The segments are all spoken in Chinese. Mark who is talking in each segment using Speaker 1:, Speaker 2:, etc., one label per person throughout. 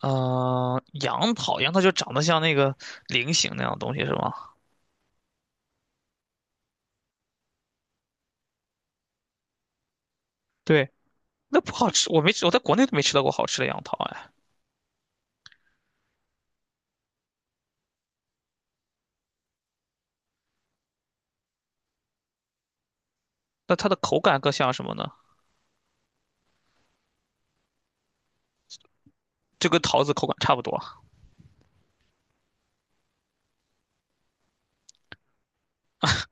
Speaker 1: 嗯、杨桃，杨桃就长得像那个菱形那样的东西是吗？对，那不好吃，我没吃，我在国内都没吃到过好吃的杨桃哎。那它的口感更像什么呢？就跟桃子口感差不多。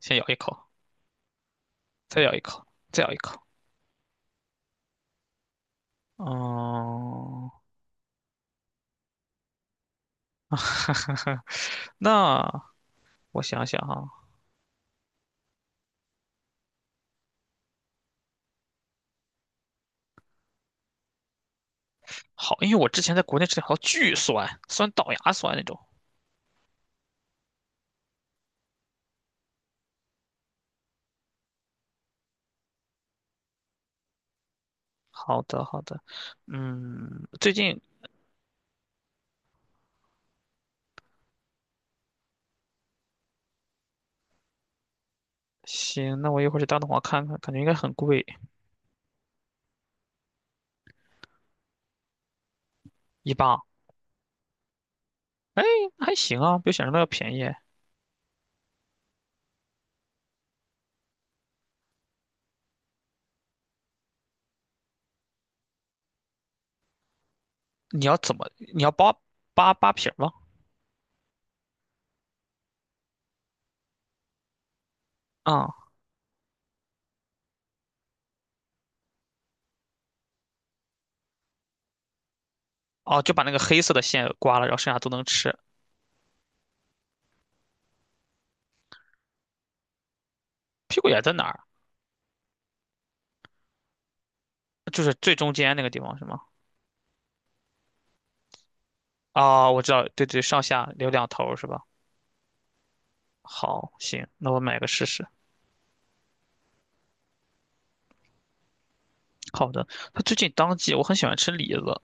Speaker 1: 先咬一口，再咬一口，再咬一口。嗯，那我想想哈、好，因为我之前在国内吃的好巨酸，酸倒牙酸那种。好的，好的，嗯，最近行，那我一会儿去大东华看看，感觉应该很贵，一磅。哎，还行啊，比我想象的要便宜。你要怎么？你要扒皮儿吗？啊、哦，就把那个黑色的线刮了，然后剩下都能吃。屁股眼在哪儿？就是最中间那个地方是吗？啊、我知道，对对，上下留两头儿是吧？好，行，那我买个试试。好的，它最近当季，我很喜欢吃李子，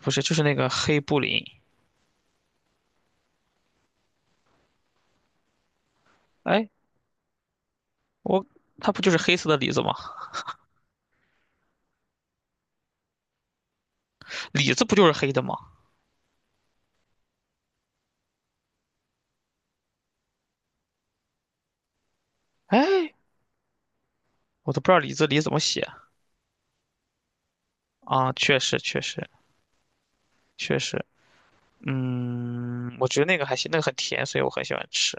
Speaker 1: 不是，就是那个黑布林。哎，我它不就是黑色的李子吗？李子不就是黑的吗？哎，我都不知道李子李怎么写啊！确实，确实，确实。嗯，我觉得那个还行，那个很甜，所以我很喜欢吃。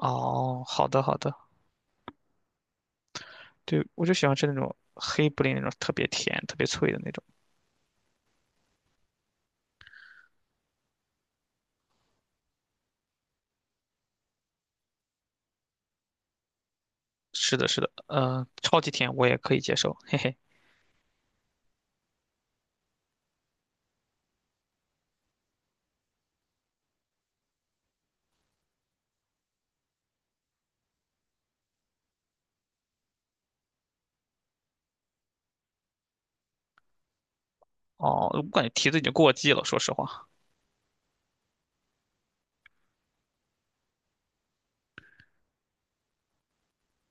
Speaker 1: 哦，好的好的，对，我就喜欢吃那种黑布林那种特别甜、特别脆的那种。是的，是的，超级甜我也可以接受，嘿嘿。哦，我感觉提子已经过季了，说实话。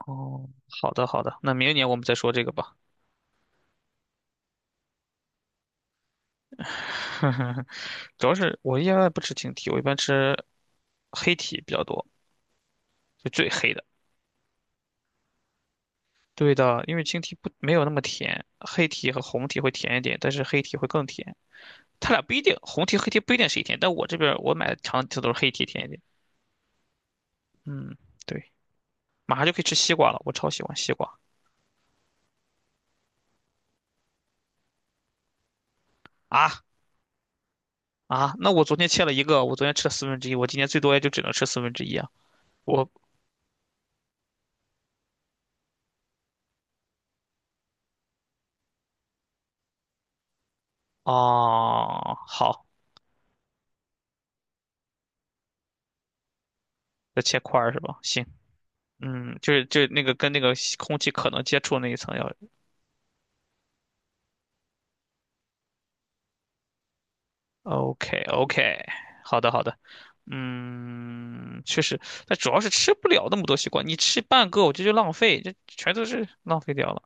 Speaker 1: 哦，好的好的，那明年我们再说这个吧。主要是我一般不吃青提，我一般吃黑提比较多，就最黑的。对的，因为青提不没有那么甜，黑提和红提会甜一点，但是黑提会更甜。它俩不一定，红 T 黑 T 不一定是一天，但我这边我买的长的都是黑 T 甜一点。嗯，对，马上就可以吃西瓜了，我超喜欢西瓜啊啊！那我昨天切了一个，我昨天吃了四分之一，我今天最多也就只能吃四分之一啊。我哦，好，要切块儿是吧？行，嗯，就是那个跟那个空气可能接触那一层要 OK OK，好的好的。嗯，确实，但主要是吃不了那么多西瓜，你吃半个我觉得就浪费，这全都是浪费掉了。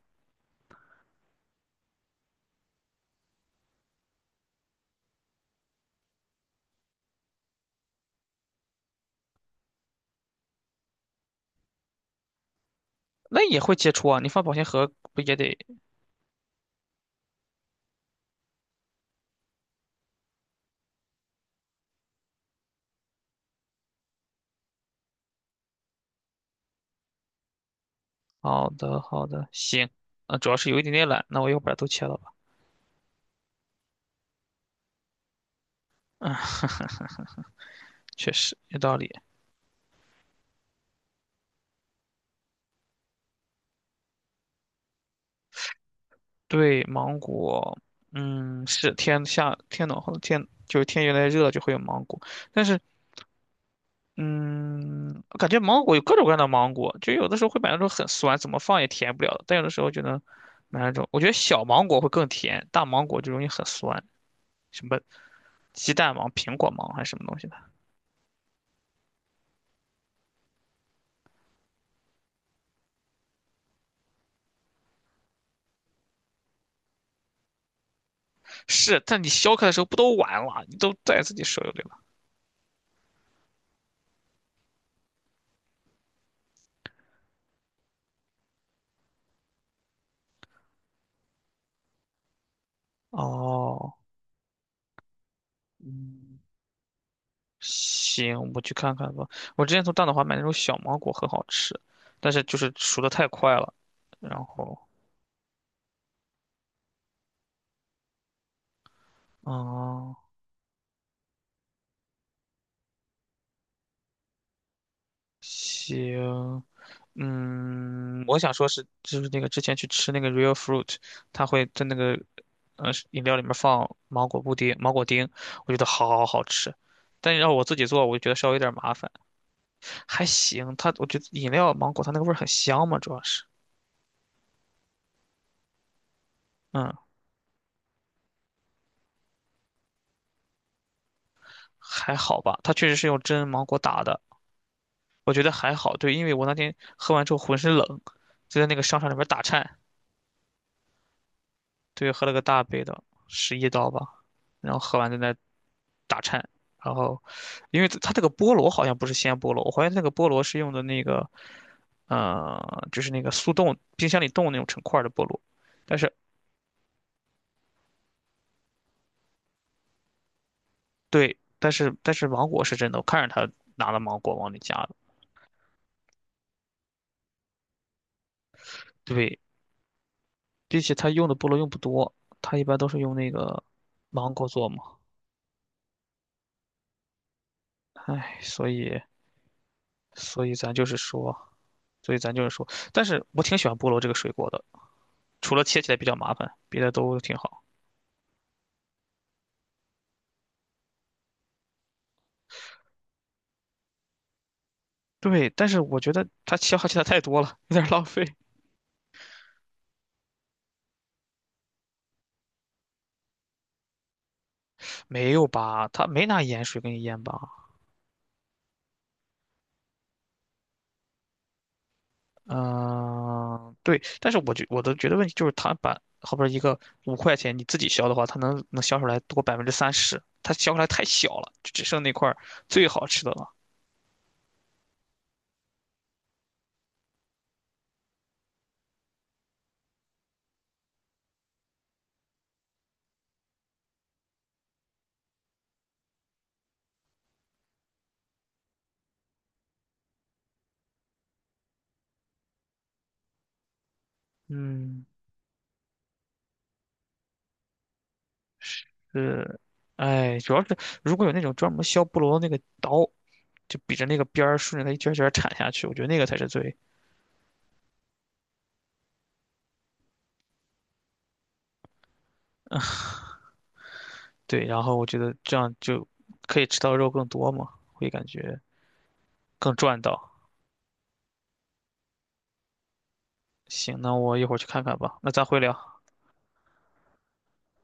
Speaker 1: 那也会接触啊，你放保鲜盒不也得？好的，好的，行。啊，主要是有一点点懒，那我一会儿把它都切了吧。啊，确实有道理。对，芒果，嗯，是天下天暖和天，就是天越来越热就会有芒果，但是，嗯，我感觉芒果有各种各样的芒果，就有的时候会买那种很酸，怎么放也甜不了的但有的时候就能买那种，我觉得小芒果会更甜，大芒果就容易很酸，什么鸡蛋芒、苹果芒还是什么东西的。是，但你削开的时候不都完了？你都在自己手里了。哦，嗯，行，我去看看吧。我之前从大董华买那种小芒果，很好吃，但是就是熟的太快了。然后，哦，行，嗯，我想说是，就是那个之前去吃那个 Real Fruit，它会在那个饮料里面放芒果布丁、芒果丁，我觉得好好好吃。但是要我自己做，我就觉得稍微有点麻烦。还行，它我觉得饮料芒果它那个味儿很香嘛，主要是，嗯，还好吧。它确实是用真芒果打的，我觉得还好。对，因为我那天喝完之后浑身冷，就在那个商场里边打颤，对，喝了个大杯的，11刀吧，然后喝完在那打颤，然后因为它这个菠萝好像不是鲜菠萝，我怀疑那个菠萝是用的那个，就是那个速冻冰箱里冻那种成块儿的菠萝，但是对，但是芒果是真的，我看着他拿了芒果往里加的。对，并且它用的菠萝用不多，它一般都是用那个芒果做嘛。唉，所以，所以咱就是说，所以咱就是说，但是我挺喜欢菠萝这个水果的，除了切起来比较麻烦，别的都挺好。对，但是我觉得它消耗起来太多了，有点儿浪费。没有吧？它没拿盐水给你腌吧？嗯，对，但是我的觉得问题就是，他把后边一个5块钱你自己削的话，它能削出来多30%，它削出来太小了，就只剩那块儿最好吃的了。嗯，是，哎，主要是如果有那种专门削菠萝的那个刀，就比着那个边儿顺着它一圈儿一圈儿铲下去，我觉得那个才是最对。然后我觉得这样就可以吃到肉更多嘛，会感觉更赚到。行，那我一会儿去看看吧，那咱回聊。